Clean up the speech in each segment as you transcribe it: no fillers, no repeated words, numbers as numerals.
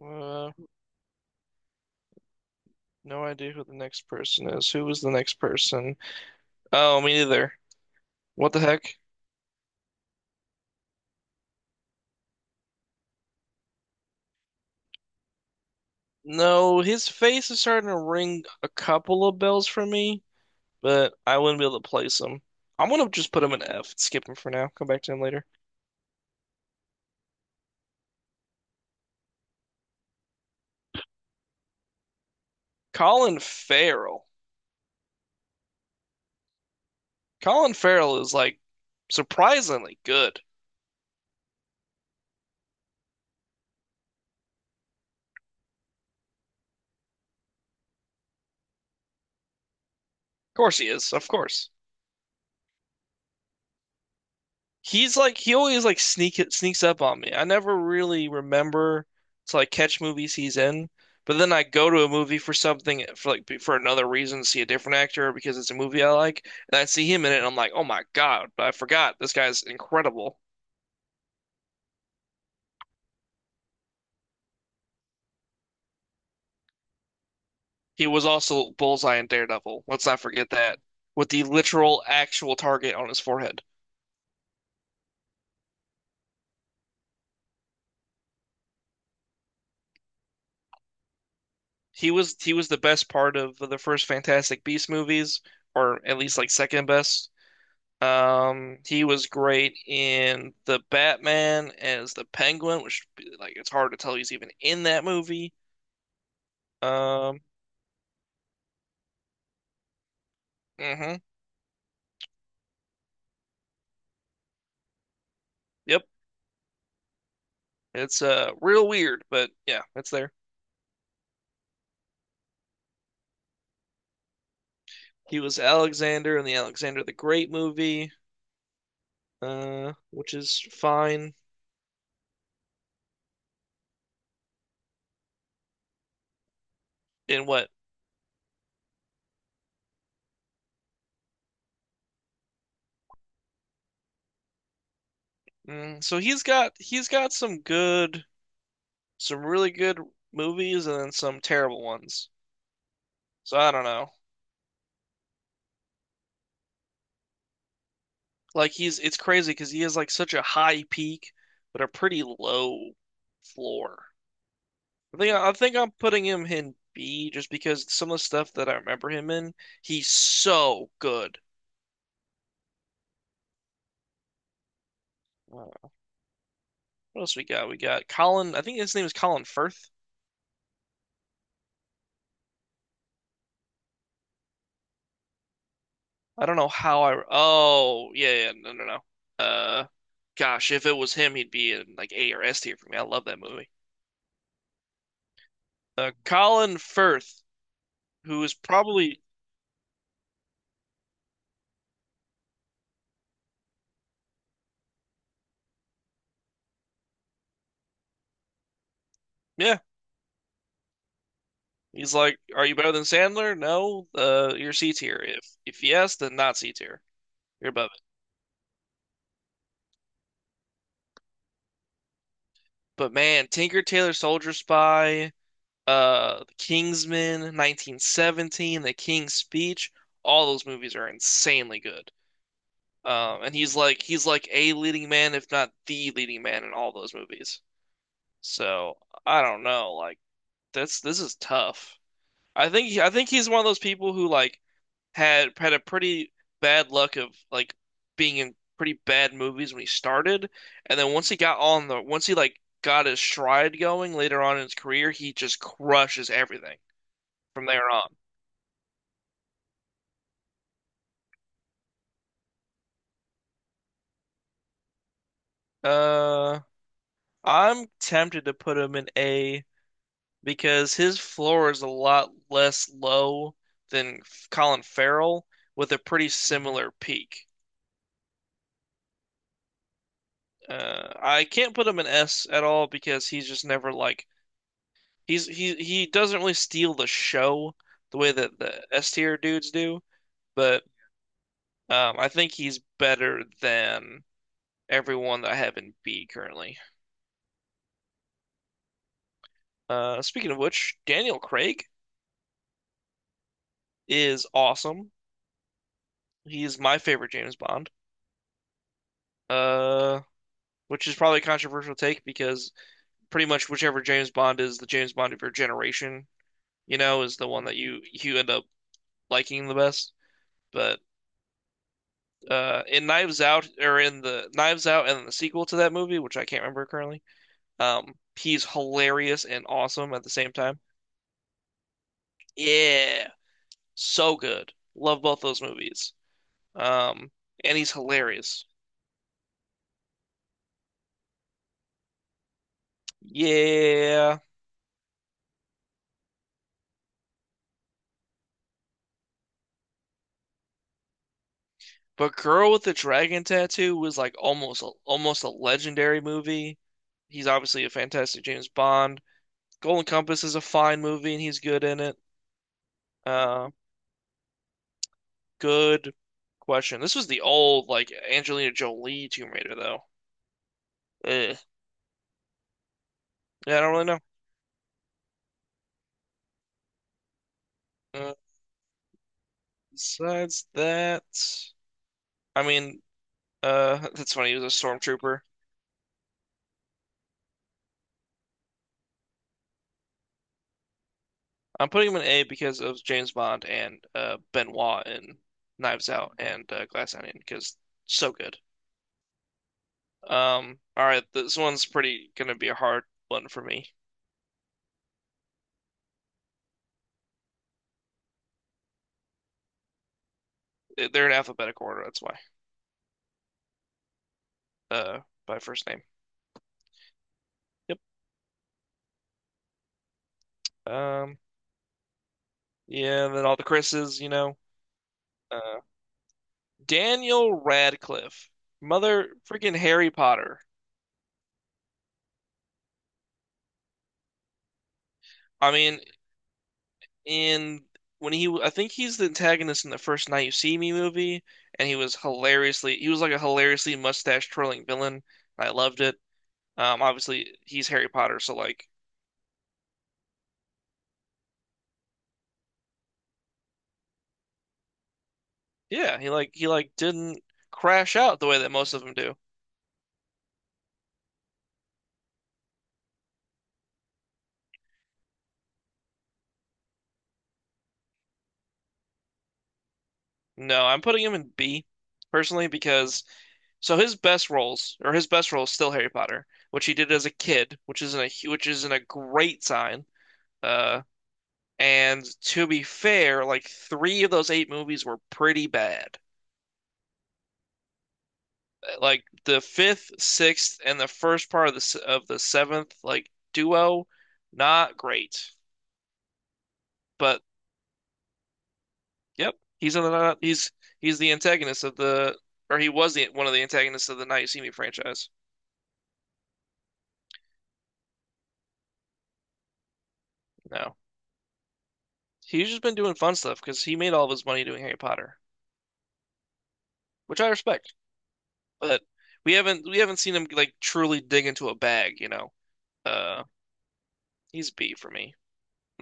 Uh, no idea who the next person is. Who was the next person? Oh, me neither. What the heck? No, his face is starting to ring a couple of bells for me, but I wouldn't be able to place him. I'm gonna just put him in F. Skip him for now. Come back to him later. Colin Farrell. Colin Farrell is like surprisingly good. Of course he is. Of course. He's like he always like sneaks up on me. I never really remember to like catch movies he's in, but then I go to a movie for something for like for another reason, see a different actor because it's a movie I like, and I see him in it, and I'm like, oh my God, I forgot this guy's incredible. He was also Bullseye in Daredevil. Let's not forget that with the literal actual target on his forehead. He was the best part of the first Fantastic Beast movies, or at least like second best. He was great in the Batman as the Penguin, which like it's hard to tell he's even in that movie. Um, hmm. Yep. It's real weird, but yeah, it's there. He was Alexander in the Alexander the Great movie, which is fine. In what? So he's got some good, some really good movies and then some terrible ones. So I don't know. Like he's it's crazy because he has like such a high peak, but a pretty low floor. I think I'm putting him in B just because some of the stuff that I remember him in, he's so good. Uh, what else we got? We got Colin. I think his name is Colin Firth. I don't know how I. Oh, yeah, yeah, no, no, no. Uh, Gosh, if it was him, he'd be in like A or S tier for me. I love that movie. Colin Firth, who is probably, yeah. He's like, "Are you better than Sandler? No. You're C tier. If yes, then not C tier. You're above it." But man, Tinker Tailor Soldier Spy, The Kingsman, 1917, The King's Speech, all those movies are insanely good. And he's like a leading man, if not the leading man in all those movies. So I don't know, like that's this is tough. I think he's one of those people who like had had a pretty bad luck of like being in pretty bad movies when he started, and then once he like got his stride going later on in his career, he just crushes everything from there on. Uh, I'm tempted to put him in A because his floor is a lot less low than Colin Farrell with a pretty similar peak. I can't put him in S at all because he's just never like, he's he doesn't really steal the show the way that the S tier dudes do, but I think he's better than everyone that I have in B currently. Speaking of which, Daniel Craig is awesome. He's my favorite James Bond. Uh, which is probably a controversial take because pretty much whichever James Bond is the James Bond of your generation, is the one that you end up liking the best. But in Knives Out or in the Knives Out and the sequel to that movie, which I can't remember currently. He's hilarious and awesome at the same time. Yeah, so good. Love both those movies. Um, and he's hilarious. Yeah, but Girl with the Dragon Tattoo was like almost a legendary movie. He's obviously a fantastic James Bond. Golden Compass is a fine movie and he's good in it. Um, Uh, Good question. This was the old, like, Angelina Jolie Tomb Raider, though. Eh. Yeah, I don't really know. Uh, Besides that, I mean, that's funny. He was a stormtrooper. I'm putting him in A because of James Bond and Benoit in Knives Out and Glass Onion because so good. All right, this one's pretty gonna be a hard one for me. They're in alphabetical order, that's why. Uh, by first name. Yep. Um, yeah, and then all the Chris's. Uh, Daniel Radcliffe, mother freaking Harry Potter. I mean, in I think he's the antagonist in the first Night You See Me movie, and he was like a hilariously mustache twirling villain. I loved it. Obviously he's Harry Potter, so like, yeah, he like didn't crash out the way that most of them do. No, I'm putting him in B personally because so his best roles or his best role is still Harry Potter, which he did as a kid, which isn't a great sign. Uh, and to be fair, like three of those eight movies were pretty bad. Like the fifth, sixth, and the first part of the seventh, like duo, not great. But yep, he's the antagonist of the or he was the one of the antagonists of the Now You See Me franchise. No, he's just been doing fun stuff because he made all of his money doing Harry Potter, which I respect. But we haven't seen him like truly dig into a bag. Uh, he's B for me.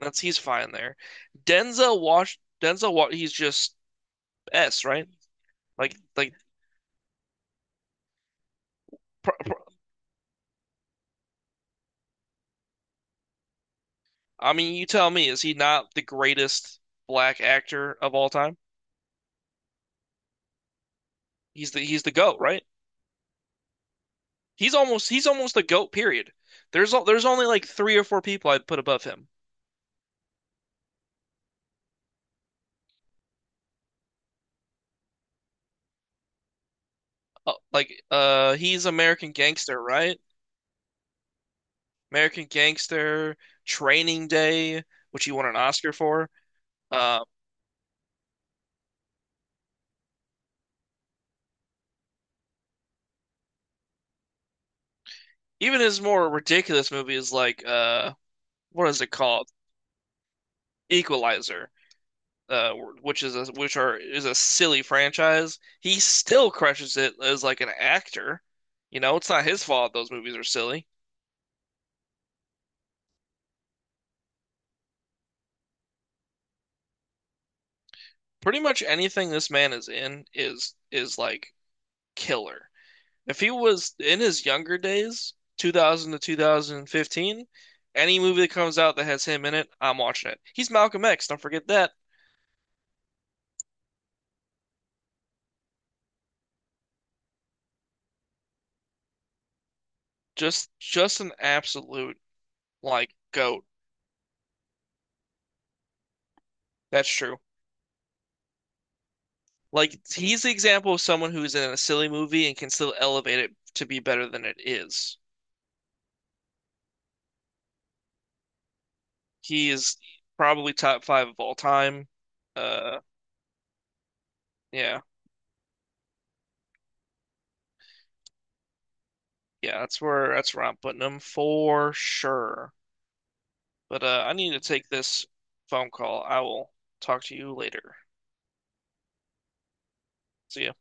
That's He's fine there. Denzel Wash Denzel Wa he's just S, right? Like pr pr I mean, you tell me, is he not the greatest black actor of all time? He's the GOAT, right? He's almost the GOAT period. There's only like three or four people I'd put above him. Like he's American Gangster, right? American Gangster, Training Day, which he won an Oscar for. Uh, Even his more ridiculous movies like what is it called? Equalizer. Uh, which is a which are is a silly franchise. He still crushes it as like an actor. You know, it's not his fault those movies are silly. Pretty much anything this man is in is like killer. If he was in his younger days, 2000 to 2015, any movie that comes out that has him in it, I'm watching it. He's Malcolm X, don't forget that. Just an absolute like goat. That's true. Like he's the example of someone who's in a silly movie and can still elevate it to be better than it is. He is probably top five of all time. Uh, yeah, yeah, that's where I'm putting him for sure. But I need to take this phone call. I will talk to you later. See ya.